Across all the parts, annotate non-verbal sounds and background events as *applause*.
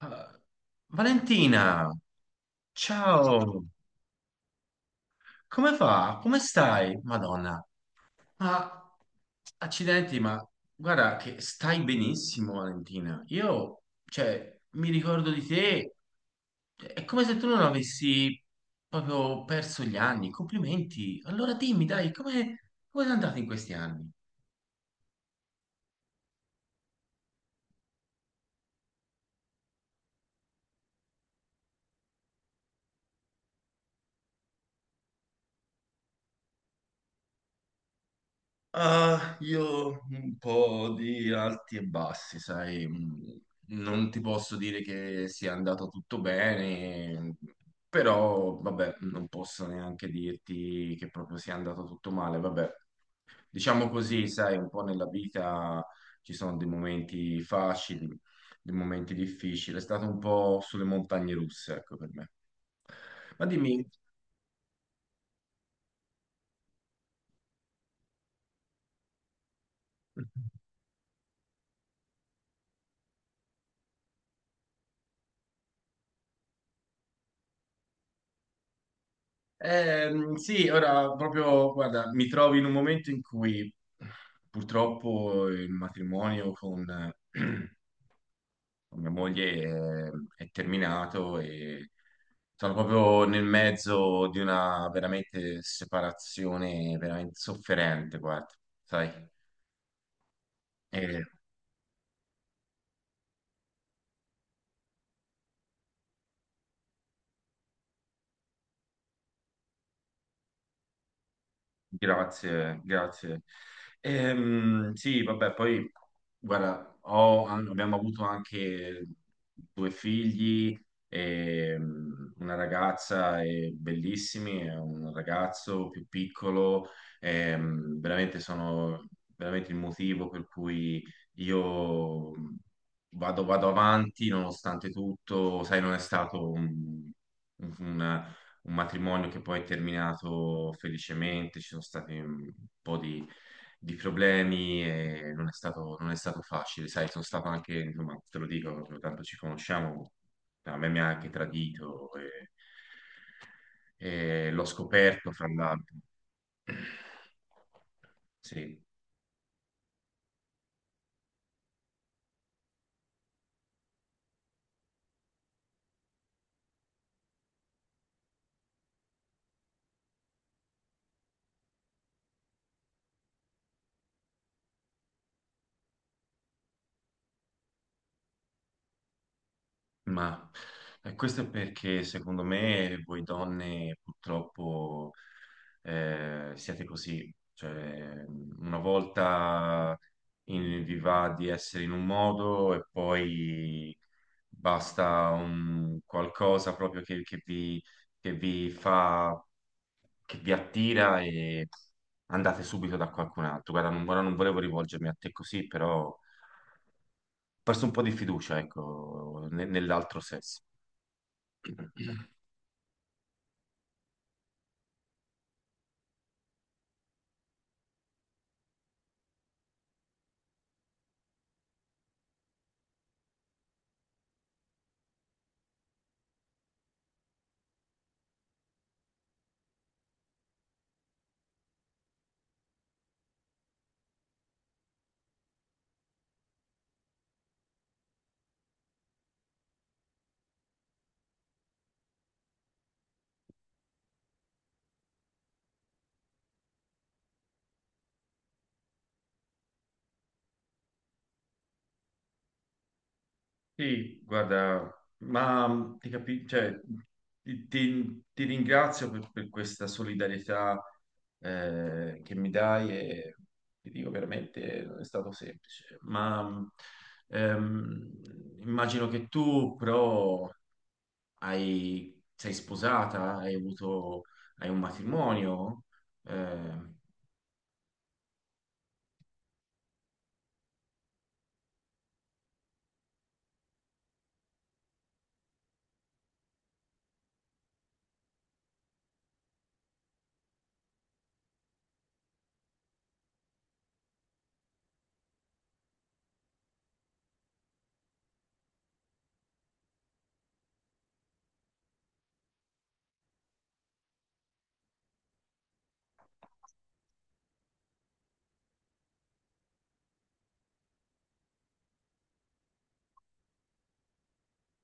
Ah, Valentina, ciao, come va? Come stai? Madonna, ma accidenti, guarda che stai benissimo, Valentina. Io, cioè, mi ricordo di te, è come se tu non avessi proprio perso gli anni. Complimenti. Allora dimmi, dai, come sei andato in questi anni? Ah, io un po' di alti e bassi, sai, non ti posso dire che sia andato tutto bene, però vabbè, non posso neanche dirti che proprio sia andato tutto male, vabbè. Diciamo così, sai, un po' nella vita ci sono dei momenti facili, dei momenti difficili, è stato un po' sulle montagne russe, ecco per me. Ma dimmi, sì, ora proprio, guarda, mi trovo in un momento in cui purtroppo il matrimonio con, *clears throat* eh, con mia moglie è terminato e sono proprio nel mezzo di una veramente separazione veramente sofferente, guarda, sai? Grazie, grazie. Sì, vabbè, poi, guarda, abbiamo avuto anche due figli, e, una ragazza e bellissimi, e un ragazzo più piccolo, veramente sono veramente il motivo per cui io vado avanti nonostante tutto, sai, non è stato un matrimonio che poi è terminato felicemente, ci sono stati un po' di problemi e non è stato, non è stato facile, sai, sono stato anche, insomma, te lo dico, tanto ci conosciamo, a me mi ha anche tradito e l'ho scoperto fra l'altro. *clears throat* Sì. Ma questo è perché secondo me voi donne purtroppo siete così, cioè una volta vi va di essere in un modo e poi basta un qualcosa proprio che vi fa, che vi attira e andate subito da qualcun altro. Guarda, non, ora non volevo rivolgermi a te così, però ho perso un po' di fiducia, ecco, nell'altro sesso. Sì, guarda, cioè, ti ringrazio per questa solidarietà che mi dai e ti dico veramente non è stato semplice, ma ehm, immagino che tu però sei sposata, hai avuto, hai un matrimonio, eh.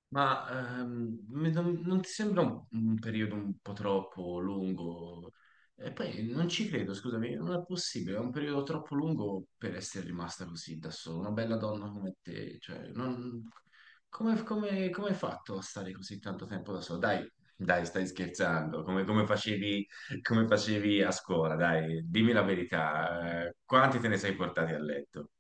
Ma non, non ti sembra un periodo un po' troppo lungo? E poi non ci credo, scusami, non è possibile, è un periodo troppo lungo per essere rimasta così da sola, una bella donna come te, cioè, come, come hai fatto a stare così tanto tempo da sola? Dai, dai, stai scherzando, come, come facevi a scuola, dai, dimmi la verità, quanti te ne sei portati a letto?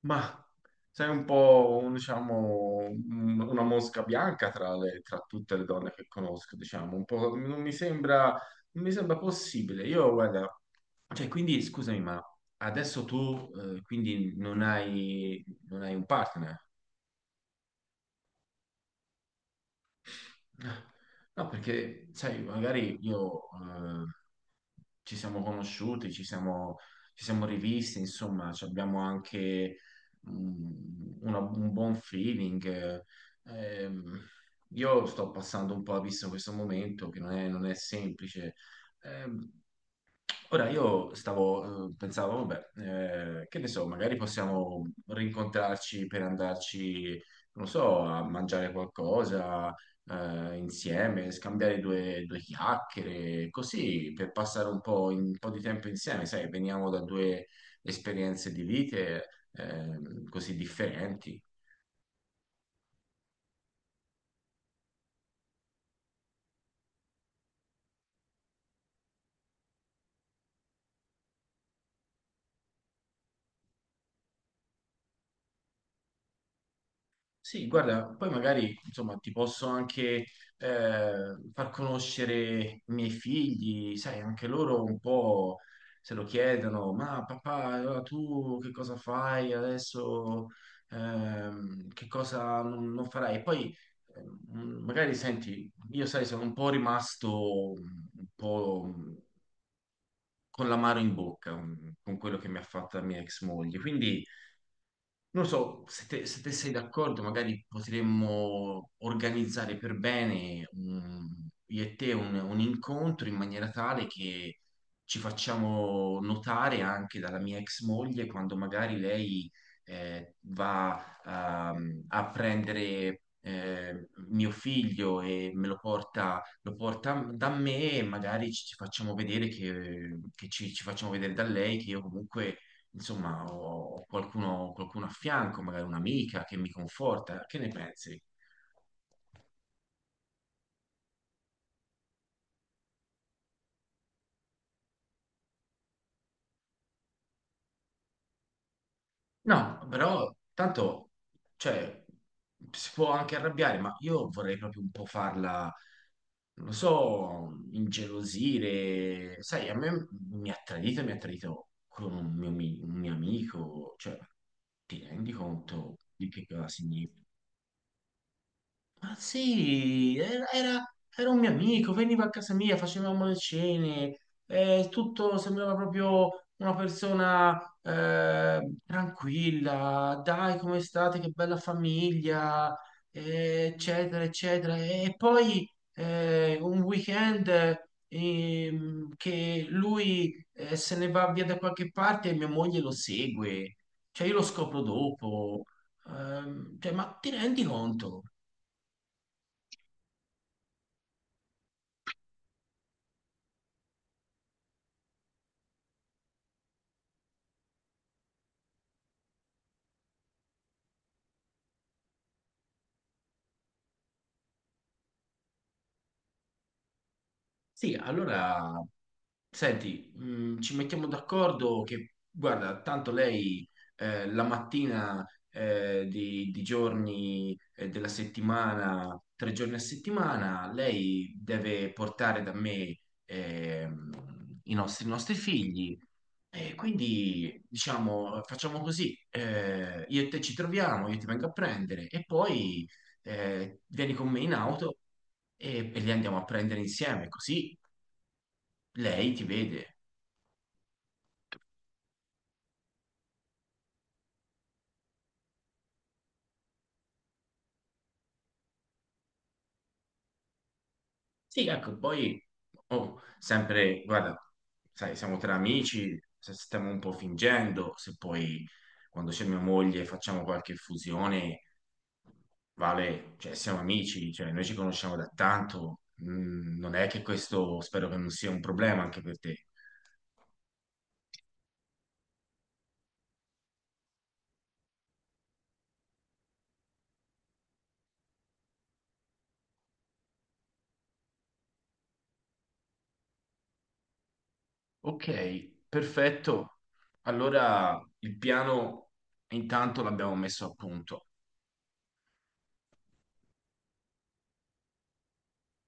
Ma sei un po', diciamo, una mosca bianca tra, tra tutte le donne che conosco, diciamo, un po', non mi sembra, non mi sembra possibile. Io, guarda, cioè, quindi, scusami, ma adesso tu, quindi non hai, non hai un partner? No, perché, sai, magari io ci siamo conosciuti, ci siamo rivisti, insomma, ci abbiamo anche un buon feeling, Ehm, io sto passando un po' a vista questo momento che non è, non è semplice. Ehm, Ora io stavo, pensavo, vabbè, che ne so, magari possiamo rincontrarci per andarci, non so, a mangiare qualcosa, insieme, scambiare due, due chiacchiere, così per passare un po', un po' di tempo insieme, sai, veniamo da due esperienze di vite, così differenti. Sì, guarda, poi magari insomma ti posso anche far conoscere i miei figli, sai, anche loro un po' se lo chiedono, ma papà, allora tu che cosa fai adesso? Che cosa non, non farai? Poi magari senti, io sai, sono un po' rimasto un po' con l'amaro in bocca, con quello che mi ha fatto la mia ex moglie, quindi non so, se te, se te sei d'accordo, magari potremmo organizzare per bene io e te un incontro in maniera tale che ci facciamo notare anche dalla mia ex moglie quando magari lei va a prendere mio figlio e me lo porta da me e magari ci, ci facciamo vedere che ci, ci facciamo vedere da lei che io comunque insomma, ho ho qualcuno, qualcuno a fianco, magari un'amica che mi conforta. Che ne pensi? No, però tanto, cioè, si può anche arrabbiare, ma io vorrei proprio un po' farla, non lo so, ingelosire. Sai, a me mi ha tradito con un mio, un mio amico, cioè, ti rendi conto di che cosa significa? Ma sì, era, era un mio amico, veniva a casa mia, facevamo le cene, tutto sembrava proprio una persona tranquilla, dai, come state, che bella famiglia, eccetera, eccetera. E poi un weekend che lui se ne va via da qualche parte e mia moglie lo segue, cioè io lo scopro dopo. Cioè, ma ti rendi conto? Sì, allora, senti, ci mettiamo d'accordo che, guarda, tanto lei la mattina di giorni della settimana, 3 giorni a settimana, lei deve portare da me ehm, i nostri figli e quindi, diciamo, facciamo così, io e te ci troviamo, io ti vengo a prendere e poi vieni con me in auto e li andiamo a prendere insieme, così lei ti vede. Sì, ecco, poi oh, sempre, guarda, sai, siamo tra amici, se stiamo un po' fingendo, se poi quando c'è mia moglie facciamo qualche fusione, vale, cioè siamo amici, cioè noi ci conosciamo da tanto, non è che questo spero che non sia un problema anche per te. Ok, perfetto. Allora il piano intanto l'abbiamo messo a punto.